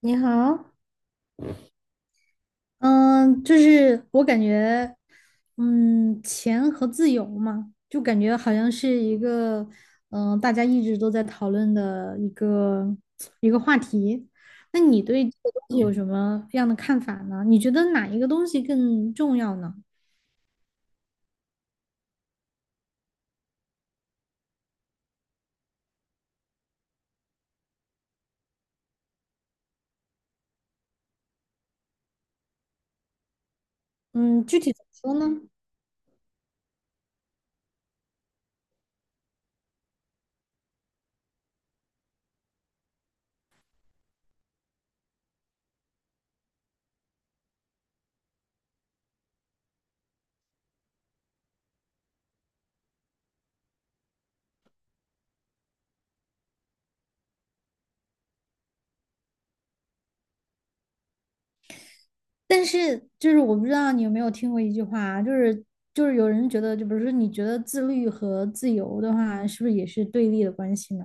你好，嗯，就是我感觉，钱和自由嘛，就感觉好像是一个，大家一直都在讨论的一个话题。那你对这个东西有什么样的看法呢？你觉得哪一个东西更重要呢？嗯，具体怎么说呢？但是就是我不知道你有没有听过一句话啊就是有人觉得，就比如说你觉得自律和自由的话，是不是也是对立的关系呢？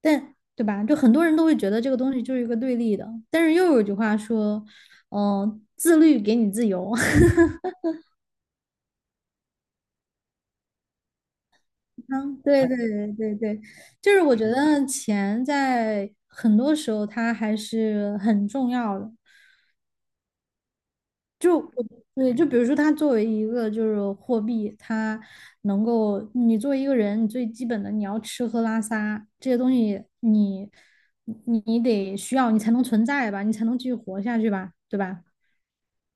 但对吧？就很多人都会觉得这个东西就是一个对立的，但是又有一句话说，自律给你自由。嗯，对对对对对，就是我觉得钱在很多时候它还是很重要的。就我对，就比如说它作为一个就是货币，它能够你作为一个人，你最基本的你要吃喝拉撒这些东西你得需要你才能存在吧，你才能继续活下去吧，对吧？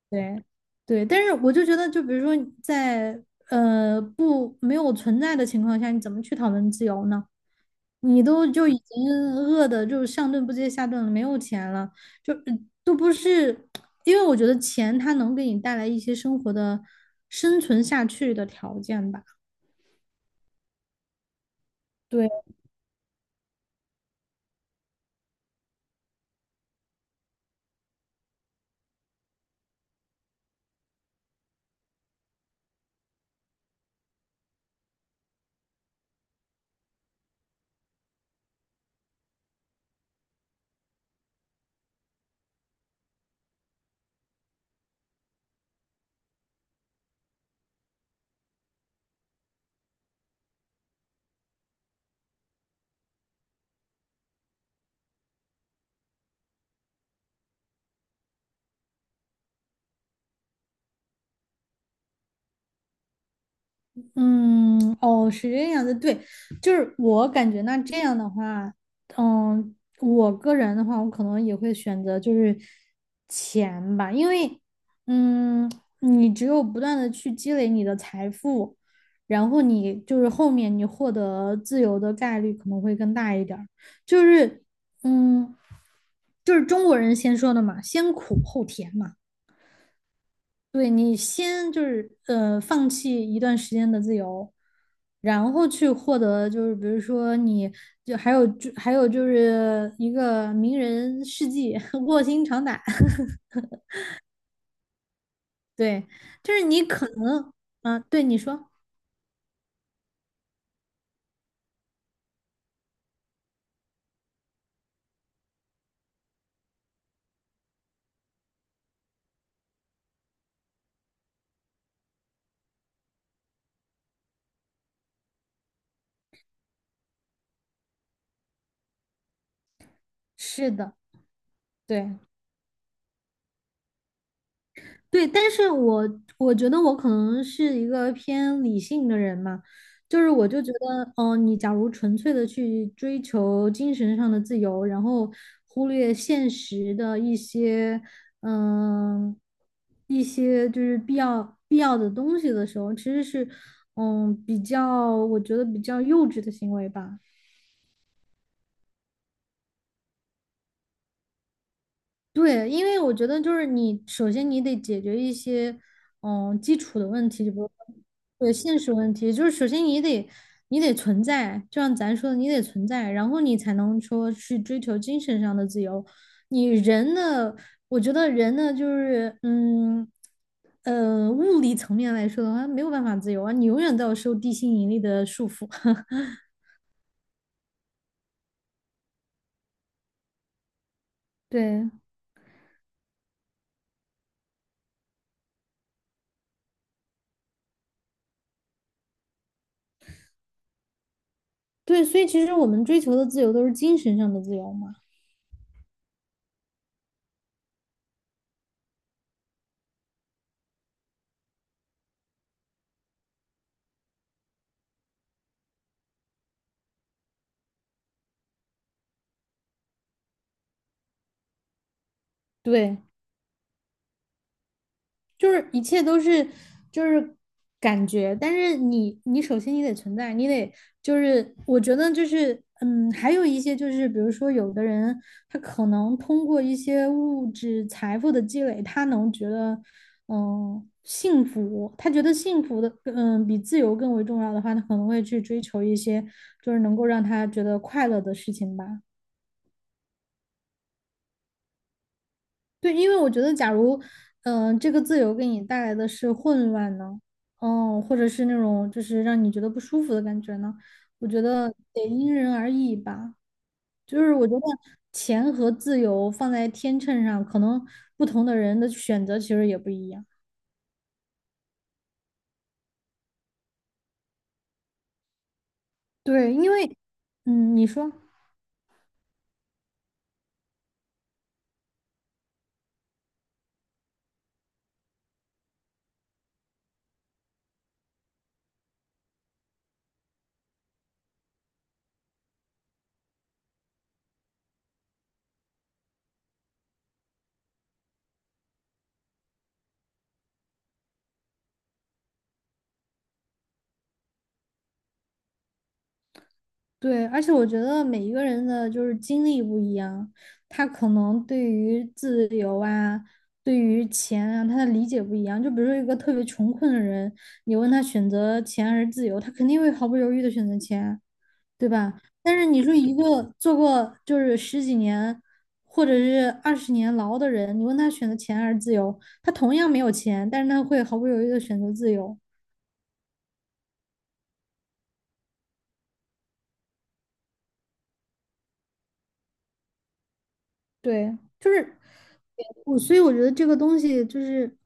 对，对，但是我就觉得，就比如说在不没有存在的情况下，你怎么去讨论自由呢？你都就已经饿的就上顿不接下顿了，没有钱了，就都不是，因为我觉得钱它能给你带来一些生活的生存下去的条件吧。对。嗯，哦，是这样的，对，就是我感觉那这样的话，嗯，我个人的话，我可能也会选择就是钱吧，因为，嗯，你只有不断的去积累你的财富，然后你就是后面你获得自由的概率可能会更大一点儿，就是，嗯，就是中国人先说的嘛，先苦后甜嘛。对你先就是放弃一段时间的自由，然后去获得就是比如说你就还有就是一个名人事迹，卧薪尝胆，对，就是你可能啊，对你说是的，对，对，但是我觉得我可能是一个偏理性的人嘛，就是我就觉得，你假如纯粹的去追求精神上的自由，然后忽略现实的一些，嗯、一些就是必要的东西的时候，其实是，比较我觉得比较幼稚的行为吧。对，因为我觉得就是你，首先你得解决一些，基础的问题，就比如说对现实问题，就是首先你得存在，就像咱说的，你得存在，然后你才能说去追求精神上的自由。你人的，我觉得人呢，就是，物理层面来说的话，没有办法自由啊，你永远都要受地心引力的束缚。对对，所以其实我们追求的自由都是精神上的自由嘛。对。就是一切都是就是感觉，但是你首先你得存在，你得就是我觉得就是还有一些就是比如说有的人他可能通过一些物质财富的积累，他能觉得幸福，他觉得幸福的比自由更为重要的话，他可能会去追求一些就是能够让他觉得快乐的事情吧。对，因为我觉得，假如，这个自由给你带来的是混乱呢，哦，或者是那种就是让你觉得不舒服的感觉呢，我觉得得因人而异吧。就是我觉得钱和自由放在天秤上，可能不同的人的选择其实也不一样。对，因为，你说。对，而且我觉得每一个人的就是经历不一样，他可能对于自由啊，对于钱啊，他的理解不一样。就比如说一个特别穷困的人，你问他选择钱还是自由，他肯定会毫不犹豫的选择钱，对吧？但是你说一个做过就是十几年或者是20年牢的人，你问他选择钱还是自由，他同样没有钱，但是他会毫不犹豫的选择自由。对，就是我，所以我觉得这个东西就是。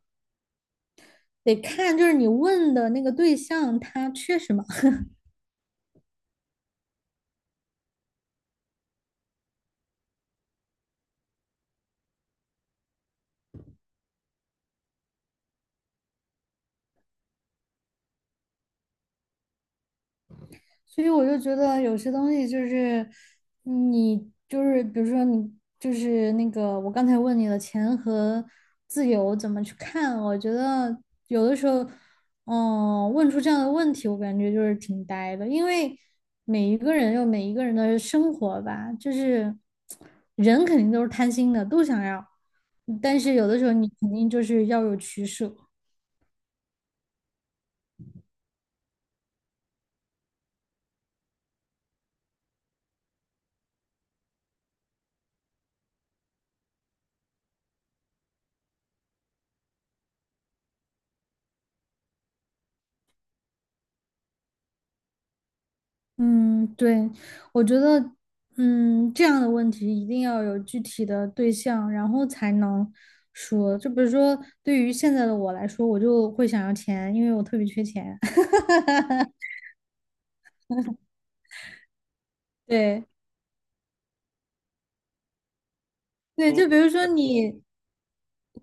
得看就是你问的那个对象他缺什么，所以我就觉得有些东西就是你就是比如说你就是那个我刚才问你的钱和自由怎么去看，我觉得有的时候，问出这样的问题，我感觉就是挺呆的，因为每一个人有每一个人的生活吧，就是人肯定都是贪心的，都想要，但是有的时候你肯定就是要有取舍。嗯，对，我觉得，这样的问题一定要有具体的对象，然后才能说。就比如说，对于现在的我来说，我就会想要钱，因为我特别缺钱。对对，就比如说你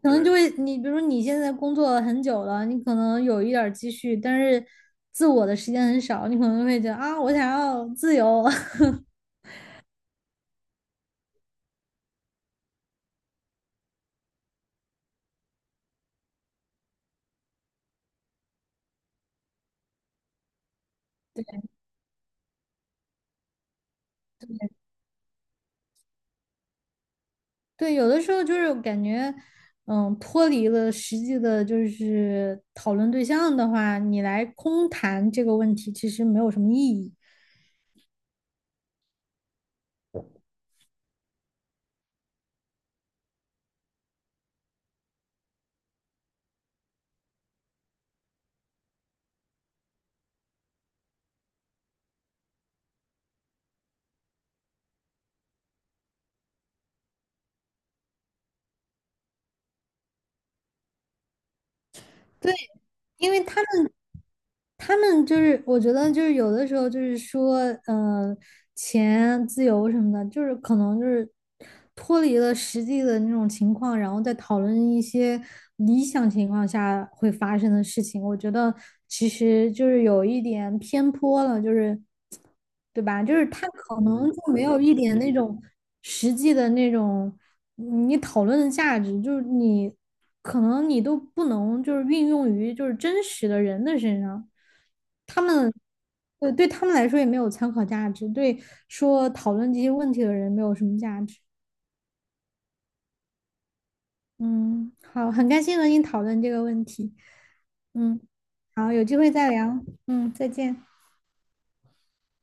可能就对会，你比如说你现在工作了很久了，你可能有一点儿积蓄，但是自我的时间很少，你可能会觉得啊，我想要自由。对，有的时候就是感觉，脱离了实际的，就是讨论对象的话，你来空谈这个问题，其实没有什么意义。对，因为他们就是，我觉得就是有的时候就是说，嗯、钱自由什么的，就是可能就是脱离了实际的那种情况，然后再讨论一些理想情况下会发生的事情。我觉得其实就是有一点偏颇了，就是对吧？就是他可能就没有一点那种实际的那种。你讨论的价值，就是你可能你都不能就是运用于就是真实的人的身上，他们对对他们来说也没有参考价值，对说讨论这些问题的人没有什么价值。嗯，好，很开心和你讨论这个问题。嗯，好，有机会再聊。再见。